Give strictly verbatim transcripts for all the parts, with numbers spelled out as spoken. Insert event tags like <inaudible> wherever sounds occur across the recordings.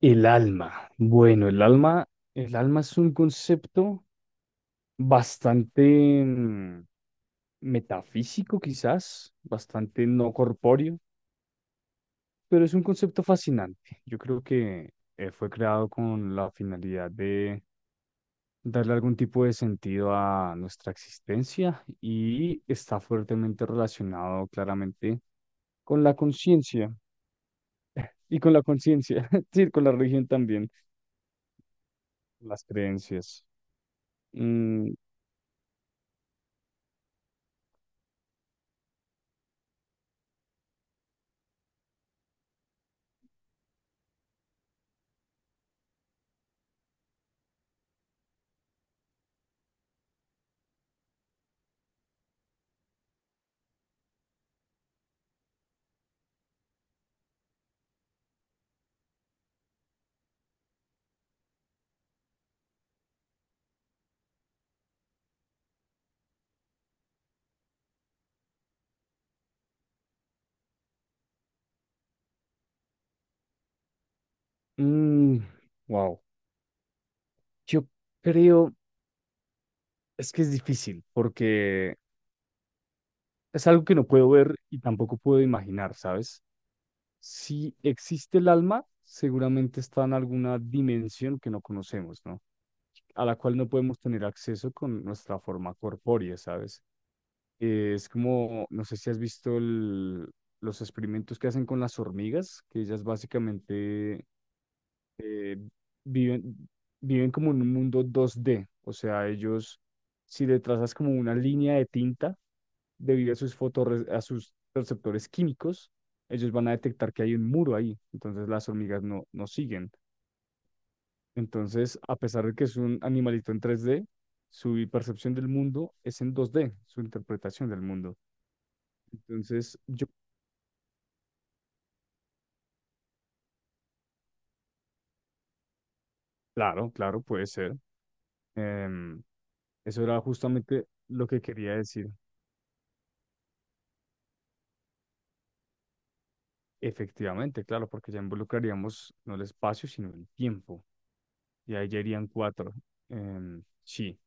El alma. Bueno, el alma, el alma es un concepto bastante mm, metafísico, quizás, bastante no corpóreo, pero es un concepto fascinante. Yo creo que eh, fue creado con la finalidad de darle algún tipo de sentido a nuestra existencia y está fuertemente relacionado claramente con la conciencia y con la conciencia, <laughs> sí, con la religión también, las creencias. Mm, wow. Yo creo, es que es difícil porque es algo que no puedo ver y tampoco puedo imaginar, ¿sabes? Si existe el alma, seguramente está en alguna dimensión que no conocemos, ¿no? A la cual no podemos tener acceso con nuestra forma corpórea, ¿sabes? Eh, es como, no sé si has visto el- los experimentos que hacen con las hormigas, que ellas básicamente eh, viven, viven como en un mundo dos D, o sea, ellos, si le trazas como una línea de tinta debido a sus fotorre- a sus receptores químicos, ellos van a detectar que hay un muro ahí, entonces las hormigas no, no siguen. Entonces, a pesar de que es un animalito en tres D, su percepción del mundo es en dos D, su interpretación del mundo. Entonces, yo, claro, claro, puede ser. Em, eso era justamente lo que quería decir. Efectivamente, claro, porque ya involucraríamos no el espacio, sino el tiempo. Y ahí ya irían cuatro. Em, sí.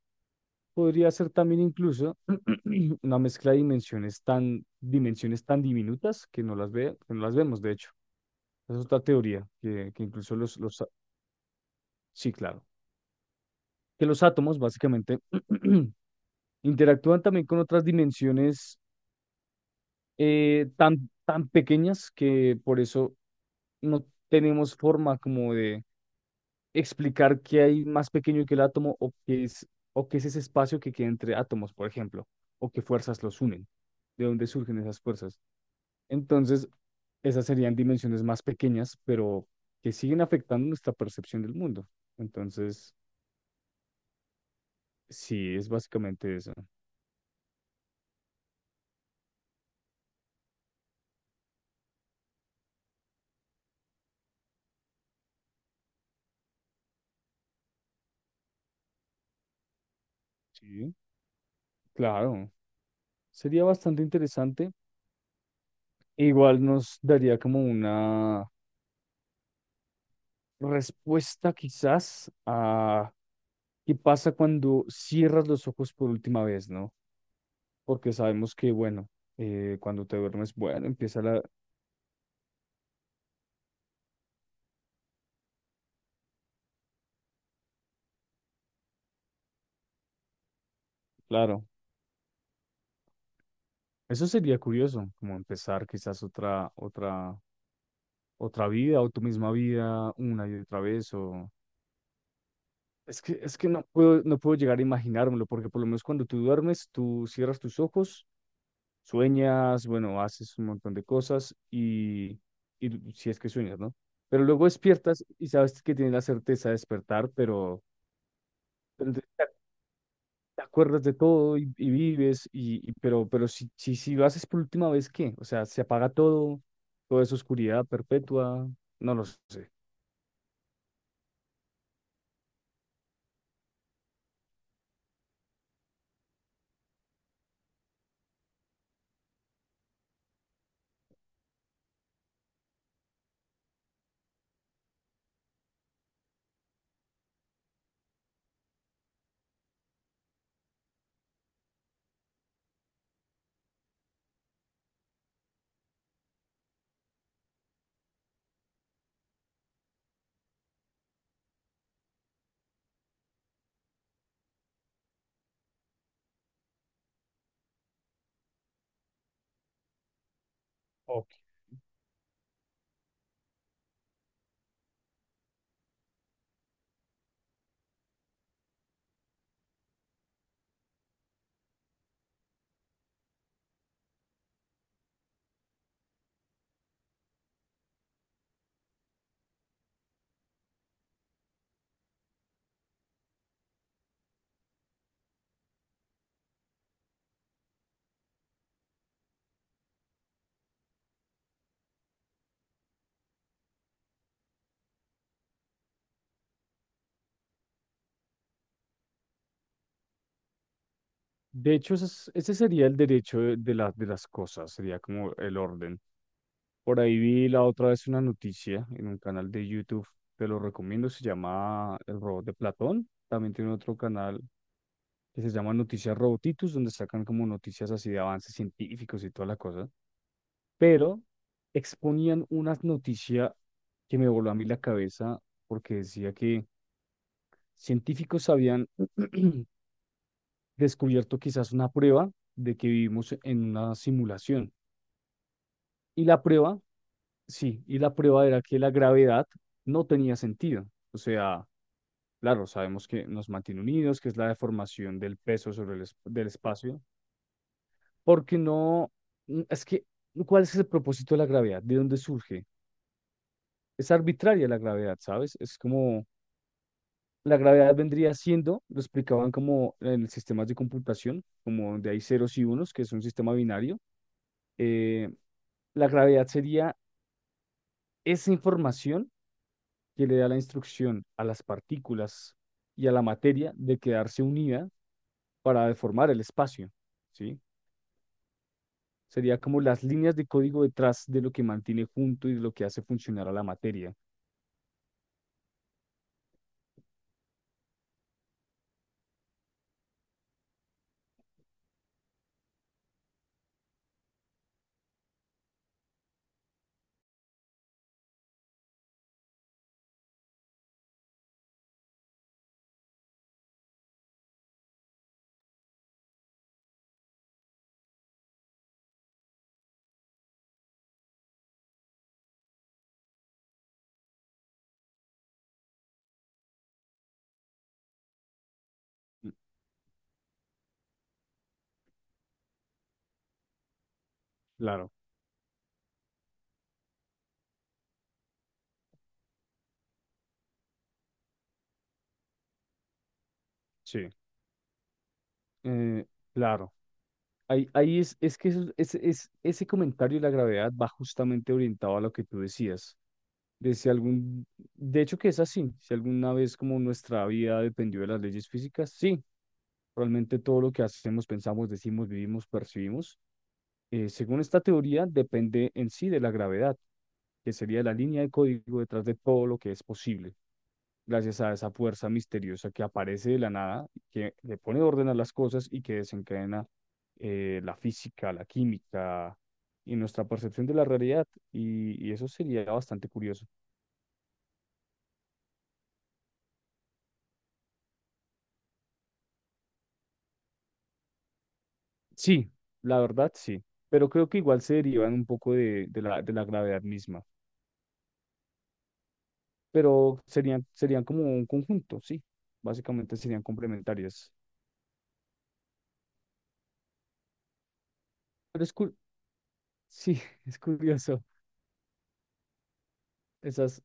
Podría ser también incluso <clears throat> una mezcla de dimensiones tan, dimensiones tan diminutas que no las ve, que no las vemos, de hecho. Esa es otra teoría, que, que incluso los, los, a- sí, claro, que los átomos básicamente <clears throat> interactúan también con otras dimensiones eh, tan, tan pequeñas que por eso no tenemos forma como de explicar qué hay más pequeño que el átomo o qué es, o qué es ese espacio que queda entre átomos, por ejemplo, o qué fuerzas los unen, de dónde surgen esas fuerzas. Entonces, esas serían dimensiones más pequeñas, pero que siguen afectando nuestra percepción del mundo. Entonces, sí, es básicamente eso. Sí, claro. Sería bastante interesante. Igual nos daría como una respuesta quizás a qué pasa cuando cierras los ojos por última vez, ¿no? Porque sabemos que, bueno, eh, cuando te duermes, bueno, empieza la, claro, eso sería curioso, como empezar quizás otra, otra, otra vida o tu misma vida una y otra vez, o es que, es que no puedo, no puedo llegar a imaginármelo, porque por lo menos cuando tú duermes, tú cierras tus ojos, sueñas, bueno, haces un montón de cosas y, y si es que sueñas, ¿no? Pero luego despiertas y sabes que tienes la certeza de despertar, pero te acuerdas de todo y, y vives, y, y- pero, pero si, si, si lo haces por última vez, ¿qué? O sea, se apaga todo, toda esa oscuridad perpetua, no lo sé. Ok. De hecho, ese, es- ese sería el derecho de, de la- de las cosas, sería como el orden. Por ahí vi la otra vez una noticia en un canal de YouTube, te lo recomiendo, se llama El Robot de Platón. También tiene otro canal que se llama Noticias Robotitus, donde sacan como noticias así de avances científicos y toda la cosa. Pero exponían unas noticias que me voló a mí la cabeza porque decía que científicos habían <clears throat> descubierto quizás una prueba de que vivimos en una simulación. Y la prueba, sí, y la prueba era que la gravedad no tenía sentido. O sea, claro, sabemos que nos mantiene unidos, que es la deformación del peso sobre el es- del espacio, porque no, mm, es que, ¿cuál es el propósito de la gravedad? ¿De dónde surge? Es arbitraria la gravedad, ¿sabes? Es como la gravedad vendría siendo, lo explicaban como en sistemas de computación, como donde hay ceros y unos, que es un sistema binario. eh, la gravedad sería esa información que le da la instrucción a las partículas y a la materia de quedarse unida para deformar el espacio, ¿sí? Sería como las líneas de código detrás de lo que mantiene junto y de lo que hace funcionar a la materia. Mm, claro, sí. Eh, claro. Ahí, ahí es, es que eso- es, es- ese comentario y la gravedad va justamente orientado a lo que tú decías. De si algún, de hecho que es así, si alguna vez como nuestra vida dependió de las leyes físicas, sí, realmente todo lo que hacemos, pensamos, decimos, vivimos, percibimos, eh, según esta teoría, depende en sí de la gravedad, que sería la línea de código detrás de todo lo que es posible gracias a esa fuerza misteriosa que aparece de la nada, que le pone orden a las cosas y que desencadena eh, la física, la química y nuestra percepción de la realidad. Y, y eso sería bastante curioso. Sí, la verdad sí, pero creo que igual se derivan un poco de, de la, de la gravedad misma, pero serían, serían como un conjunto, sí, básicamente serían complementarias. Pero es, cur- sí, <laughs> es curioso. Esas,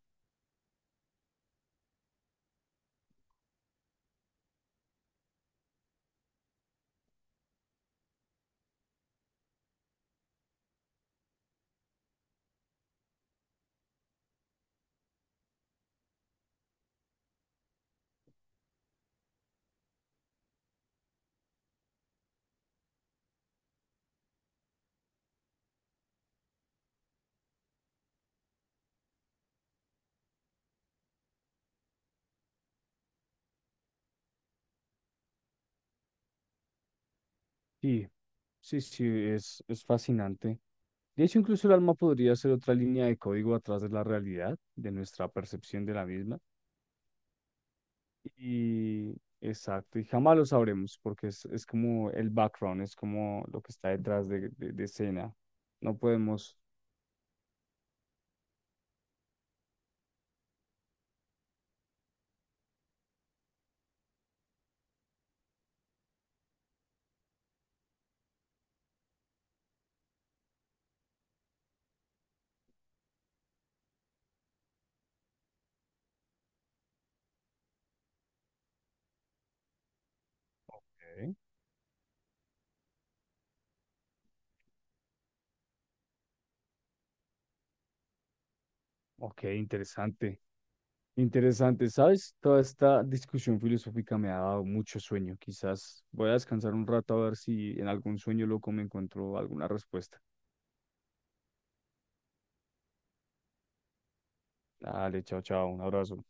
sí, sí, sí, es, es fascinante. De hecho, incluso el alma podría ser otra línea de código atrás de la realidad, de nuestra percepción de la misma. Y exacto, y jamás lo sabremos porque es, es como el background, es como lo que está detrás de, de, de escena. No podemos. Ok, ok, interesante. Interesante, ¿sabes? Toda esta discusión filosófica me ha dado mucho sueño. Quizás voy a descansar un rato a ver si en algún sueño loco me encuentro alguna respuesta. Dale, chao, chao, un abrazo.